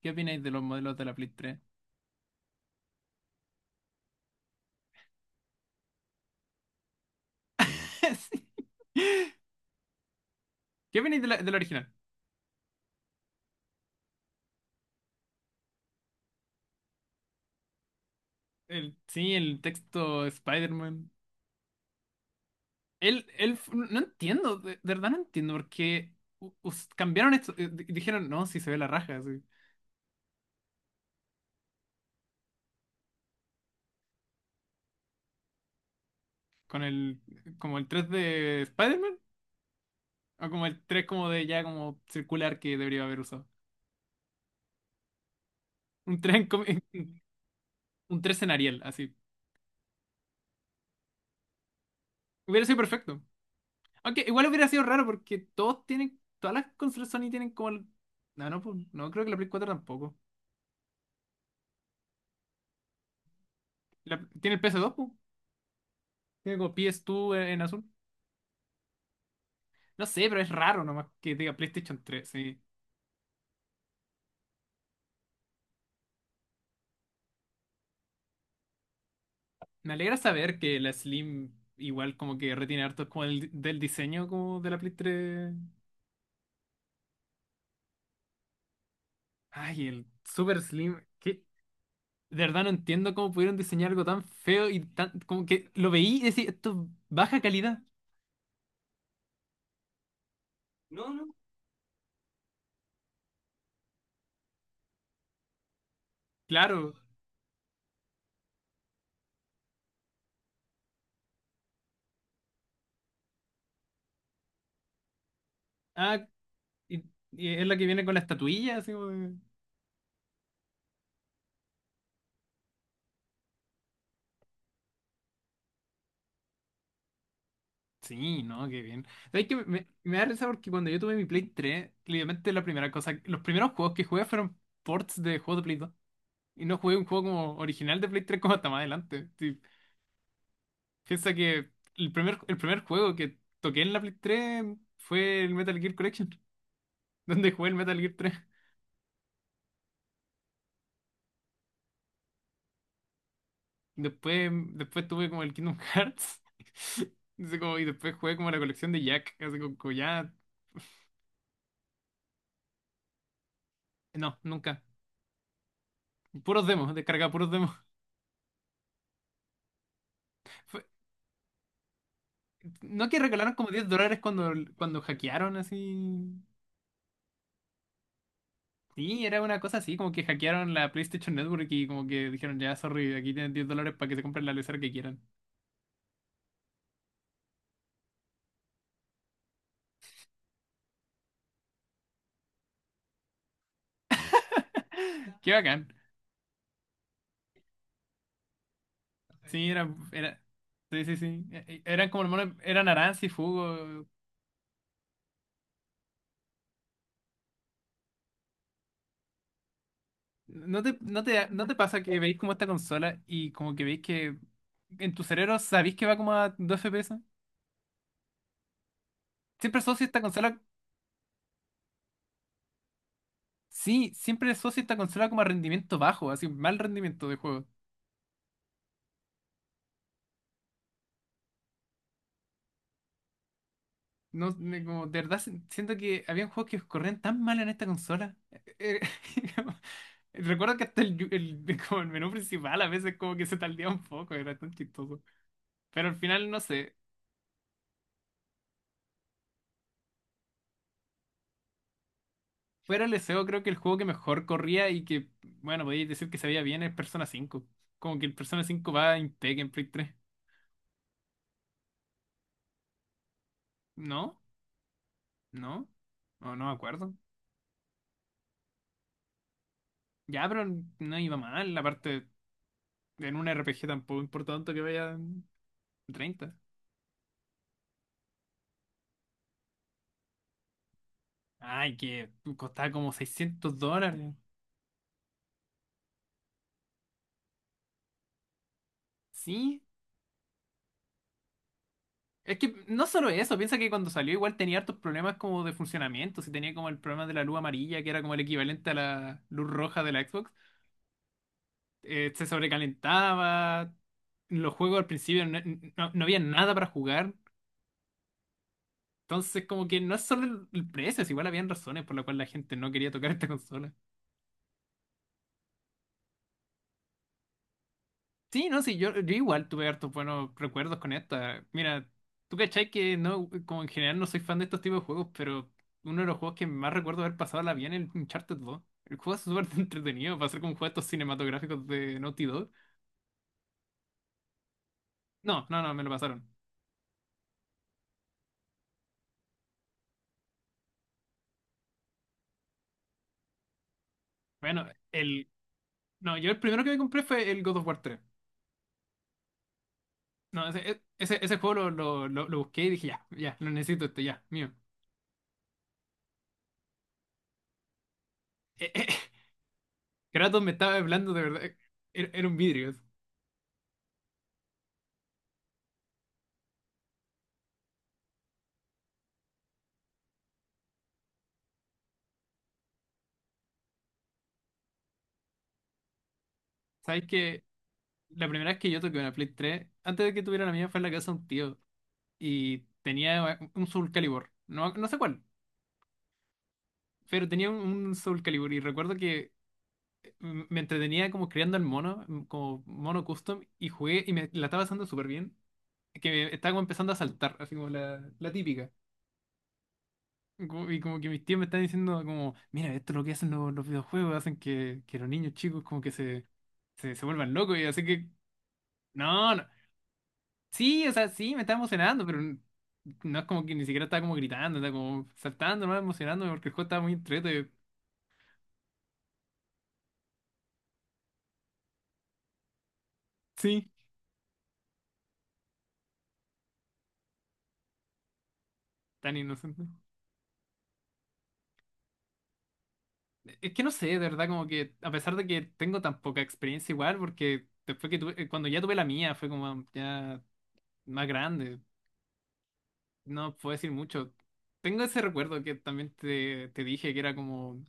¿Qué opináis de los modelos de la Play tres? Sí. ¿Qué opináis de del original? El, sí, el texto Spider-Man. No entiendo, de verdad no entiendo por qué cambiaron esto. Dijeron, no, si se ve la raja, así, con el, como el 3 de Spider-Man, o como el 3 como de ya como circular que debería haber usado. Un 3 en, com- en- un tres en Arial, así. Hubiera sido perfecto. Aunque igual hubiera sido raro porque todos tienen, todas las consolas Sony tienen como No, no, pues, no creo que la Play 4 tampoco. Tiene el PS2, po. Tiene como PS2 en, azul. No sé, pero es raro nomás que diga PlayStation 3, sí. Me alegra saber que la Slim igual como que retiene harto como del diseño como de la Play 3. Ay, el Super Slim. ¿Qué? De verdad no entiendo cómo pudieron diseñar algo tan feo y tan... Como que lo veí y decía, esto es baja calidad. No, no. Claro. Ah, y, y es la que viene con la estatuilla, así como de- Sí, no, qué bien. ¿Sabes que me da risa porque cuando yo tuve mi Play 3, literalmente la primera cosa, los primeros juegos que jugué fueron ports de juegos de Play 2? Y no jugué un juego como original de Play 3 como hasta más adelante. Sí, piensa que el primer juego que toqué en la Play 3 fue el Metal Gear Collection, donde jugué el Metal Gear 3. Después, Después tuve como el Kingdom Hearts. Así como- y después jugué como la colección de Jack. Así como, como ya. No, nunca. Puros demos, descargaba puros demos. No que regalaron como $10 cuando, hackearon así. Sí, era una cosa así, como que hackearon la PlayStation Network y como que dijeron, ya, sorry, aquí tienen $10 para que se compren la lesera que quieran. Qué bacán. Sí, sí, sí, sí. Eran como hermanos, eran Aranz y Fugo. ¿No te pasa que veis como esta consola y como que veis que en tu cerebro sabéis que va como a 2 FPS? Siempre asocio esta consola, sí, siempre asocio esta consola como a rendimiento bajo, así, mal rendimiento de juego. No, como, de verdad siento que había juegos que corrían tan mal en esta consola. Eh, como- Recuerdo que hasta como el menú principal a veces como que se tardía un poco, era tan chistoso. Pero al final, no sé, fuera el SEO creo que el juego que mejor corría y que, bueno, podéis decir que se veía bien es Persona 5. Como que el Persona 5 va impec en Play 3. ¿No? ¿No? No, no me acuerdo. Ya, pero no iba mal, aparte en un RPG tampoco importa tanto que vaya en 30. Ay, que costaba como $600. Sí. Es que no solo eso, piensa que cuando salió igual tenía hartos problemas como de funcionamiento. Si tenía como el problema de la luz amarilla, que era como el equivalente a la luz roja de la Xbox. Se sobrecalentaba. Los juegos al principio no, no había nada para jugar. Entonces como que no es solo el precio, es igual habían razones por las cuales la gente no quería tocar esta consola. Sí, no, sí, yo igual tuve hartos buenos recuerdos con esta. Mira, tú cachai que no, como en general no soy fan de estos tipos de juegos, pero uno de los juegos que más recuerdo haber pasado la vida en el Uncharted 2. El juego es súper entretenido, para ser como un juego de estos cinematográficos de Naughty Dog. No, no, no, me lo pasaron. Bueno, el. No, yo el primero que me compré fue el God of War tres. No, ese, ese juego lo busqué y dije, ya, ya, lo necesito este, ya, mío. Eh, eh, Kratos me estaba hablando de verdad. Era un vidrio. ¿Sabes qué? La primera vez que yo toqué una Play 3, antes de que tuviera la mía, fue en la casa de un tío. Y tenía un Soul Calibur. No, no sé cuál, pero tenía un Soul Calibur. Y recuerdo que me entretenía como creando el mono, como mono custom. Y jugué y me la estaba pasando súper bien. Que me estaba como empezando a saltar, así como la típica. Como- Y como que mis tíos me están diciendo como, mira, esto es lo que hacen los videojuegos, hacen que los niños chicos como que se vuelvan locos. Y así que, no, no. Sí, o sea, sí, me estaba emocionando, pero no es como que ni siquiera estaba como gritando, estaba como saltando, no emocionándome porque el juego estaba muy entrete. Sí, tan inocente. Es que no sé, de verdad, como que a pesar de que tengo tan poca experiencia igual, porque después que tuve, cuando ya tuve la mía, fue como ya más grande, no puedo decir mucho. Tengo ese recuerdo que también te dije que era como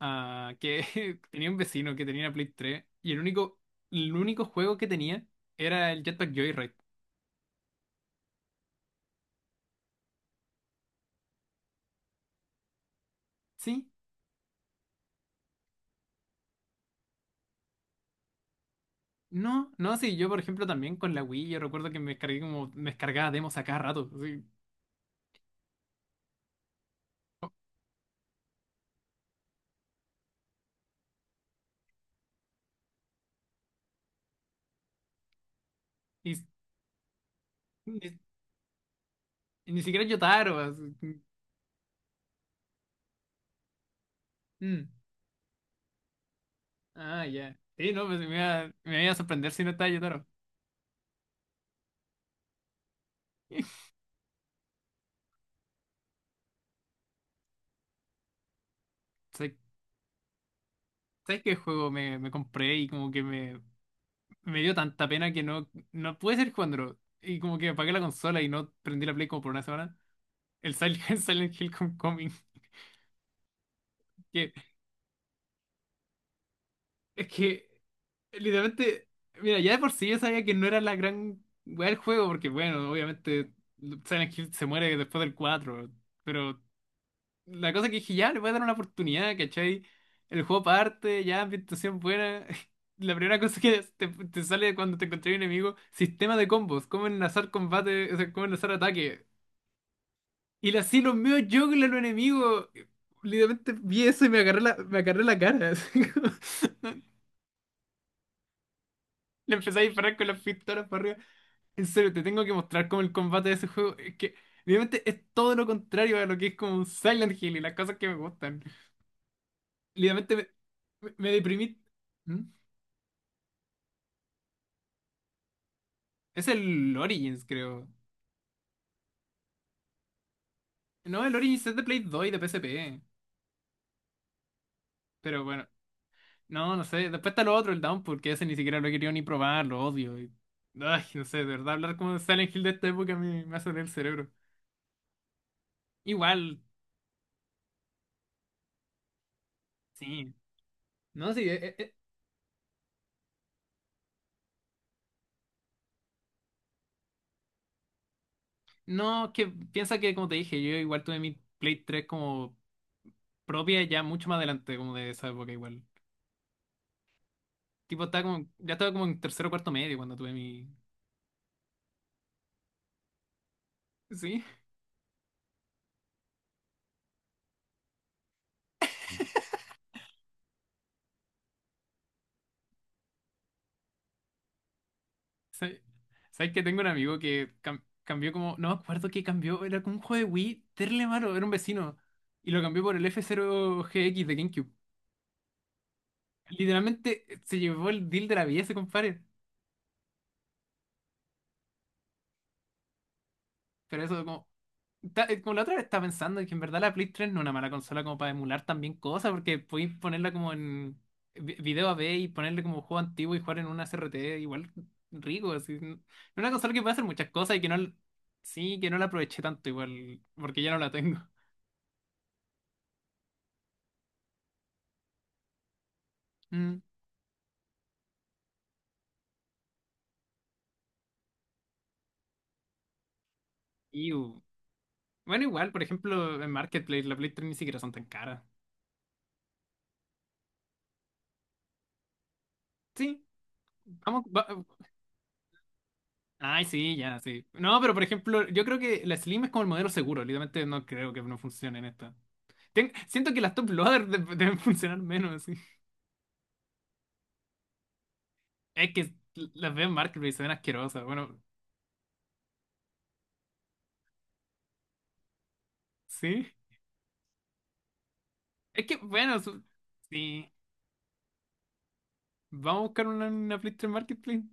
ah, que tenía un vecino que tenía una Play 3 y el único juego que tenía era el Jetpack Joyride. Sí, no, no, sí, yo por ejemplo también con la Wii, yo recuerdo que me descargué como, me descargaba demos a cada rato, así, y, y- y ni siquiera Yotaro, así, mm, ah, ya, sí, no, pues me iba a sorprender si no estaba Yotaro. ¿Sabes qué juego me compré y como que me dio tanta pena que no, no pude seguir jugándolo, y como que apagué la consola y no prendí la Play como por una semana, el Silent, Silent Hill Homecoming, que es que... Literalmente, mira, ya de por sí yo sabía que no era la gran weá del juego, porque bueno, obviamente Silent Hill se muere después del cuatro, pero la cosa que dije, ya, le voy a dar una oportunidad, ¿cachai? El juego parte, ya, ambientación buena. La primera cosa que te sale cuando te encontré un enemigo, sistema de combos, cómo enlazar combate, o sea, cómo enlazar ataque. Y le así los míos juggles a los enemigos. Literalmente vi eso y me agarré la cara. Así como- Le empecé a disparar con las pistolas para arriba. En serio, te tengo que mostrar cómo el combate de ese juego es que obviamente es todo lo contrario a lo que es como un Silent Hill y las cosas que me gustan. Literalmente me deprimí. ¿Mm? Es el Origins, creo. No, el Origins es de Play 2 y de PSP. Pero bueno, no, no sé. Después está lo otro, el Down, porque ese ni siquiera lo he querido ni probar, lo odio. Y- Ay, no sé, de verdad, hablar como de Silent Hill de esta época me hace doler el cerebro. Igual, sí. No, sí, no, que piensa que como te dije, yo igual tuve mi Play 3 como propia ya mucho más adelante, como de esa época igual. Tipo, estaba como, ya estaba como en tercero o cuarto medio cuando tuve mi... Sí, ¿sabes? ¿Sabes que tengo un amigo que cambió como... No me acuerdo qué cambió, era como un juego de Wii, terrible malo, era un vecino. Y lo cambió por el F-Zero GX de GameCube. Literalmente se llevó el deal de la vida ese compadre. Pero eso como como la otra vez estaba pensando que en verdad la Play 3 no es una mala consola como para emular también cosas, porque podéis ponerla como en video AV y ponerle como juego antiguo y jugar en una CRT igual rico, así. Es una consola que puede hacer muchas cosas y que no, sí, que no la aproveché tanto igual, porque ya no la tengo. Mm. Y bueno, igual, por ejemplo, en Marketplace la Play 3 ni siquiera son tan caras. Sí, vamos. Ay, sí, ya, sí. No, pero por ejemplo, yo creo que la Slim es como el modelo seguro. Literalmente no creo que no funcione en esta. Siento que las top loader deben funcionar menos. Sí. Es que las veo en Marketplace y se ven asquerosas. Bueno, sí. Es que, bueno, sí. Vamos a buscar una Flipster Marketplace.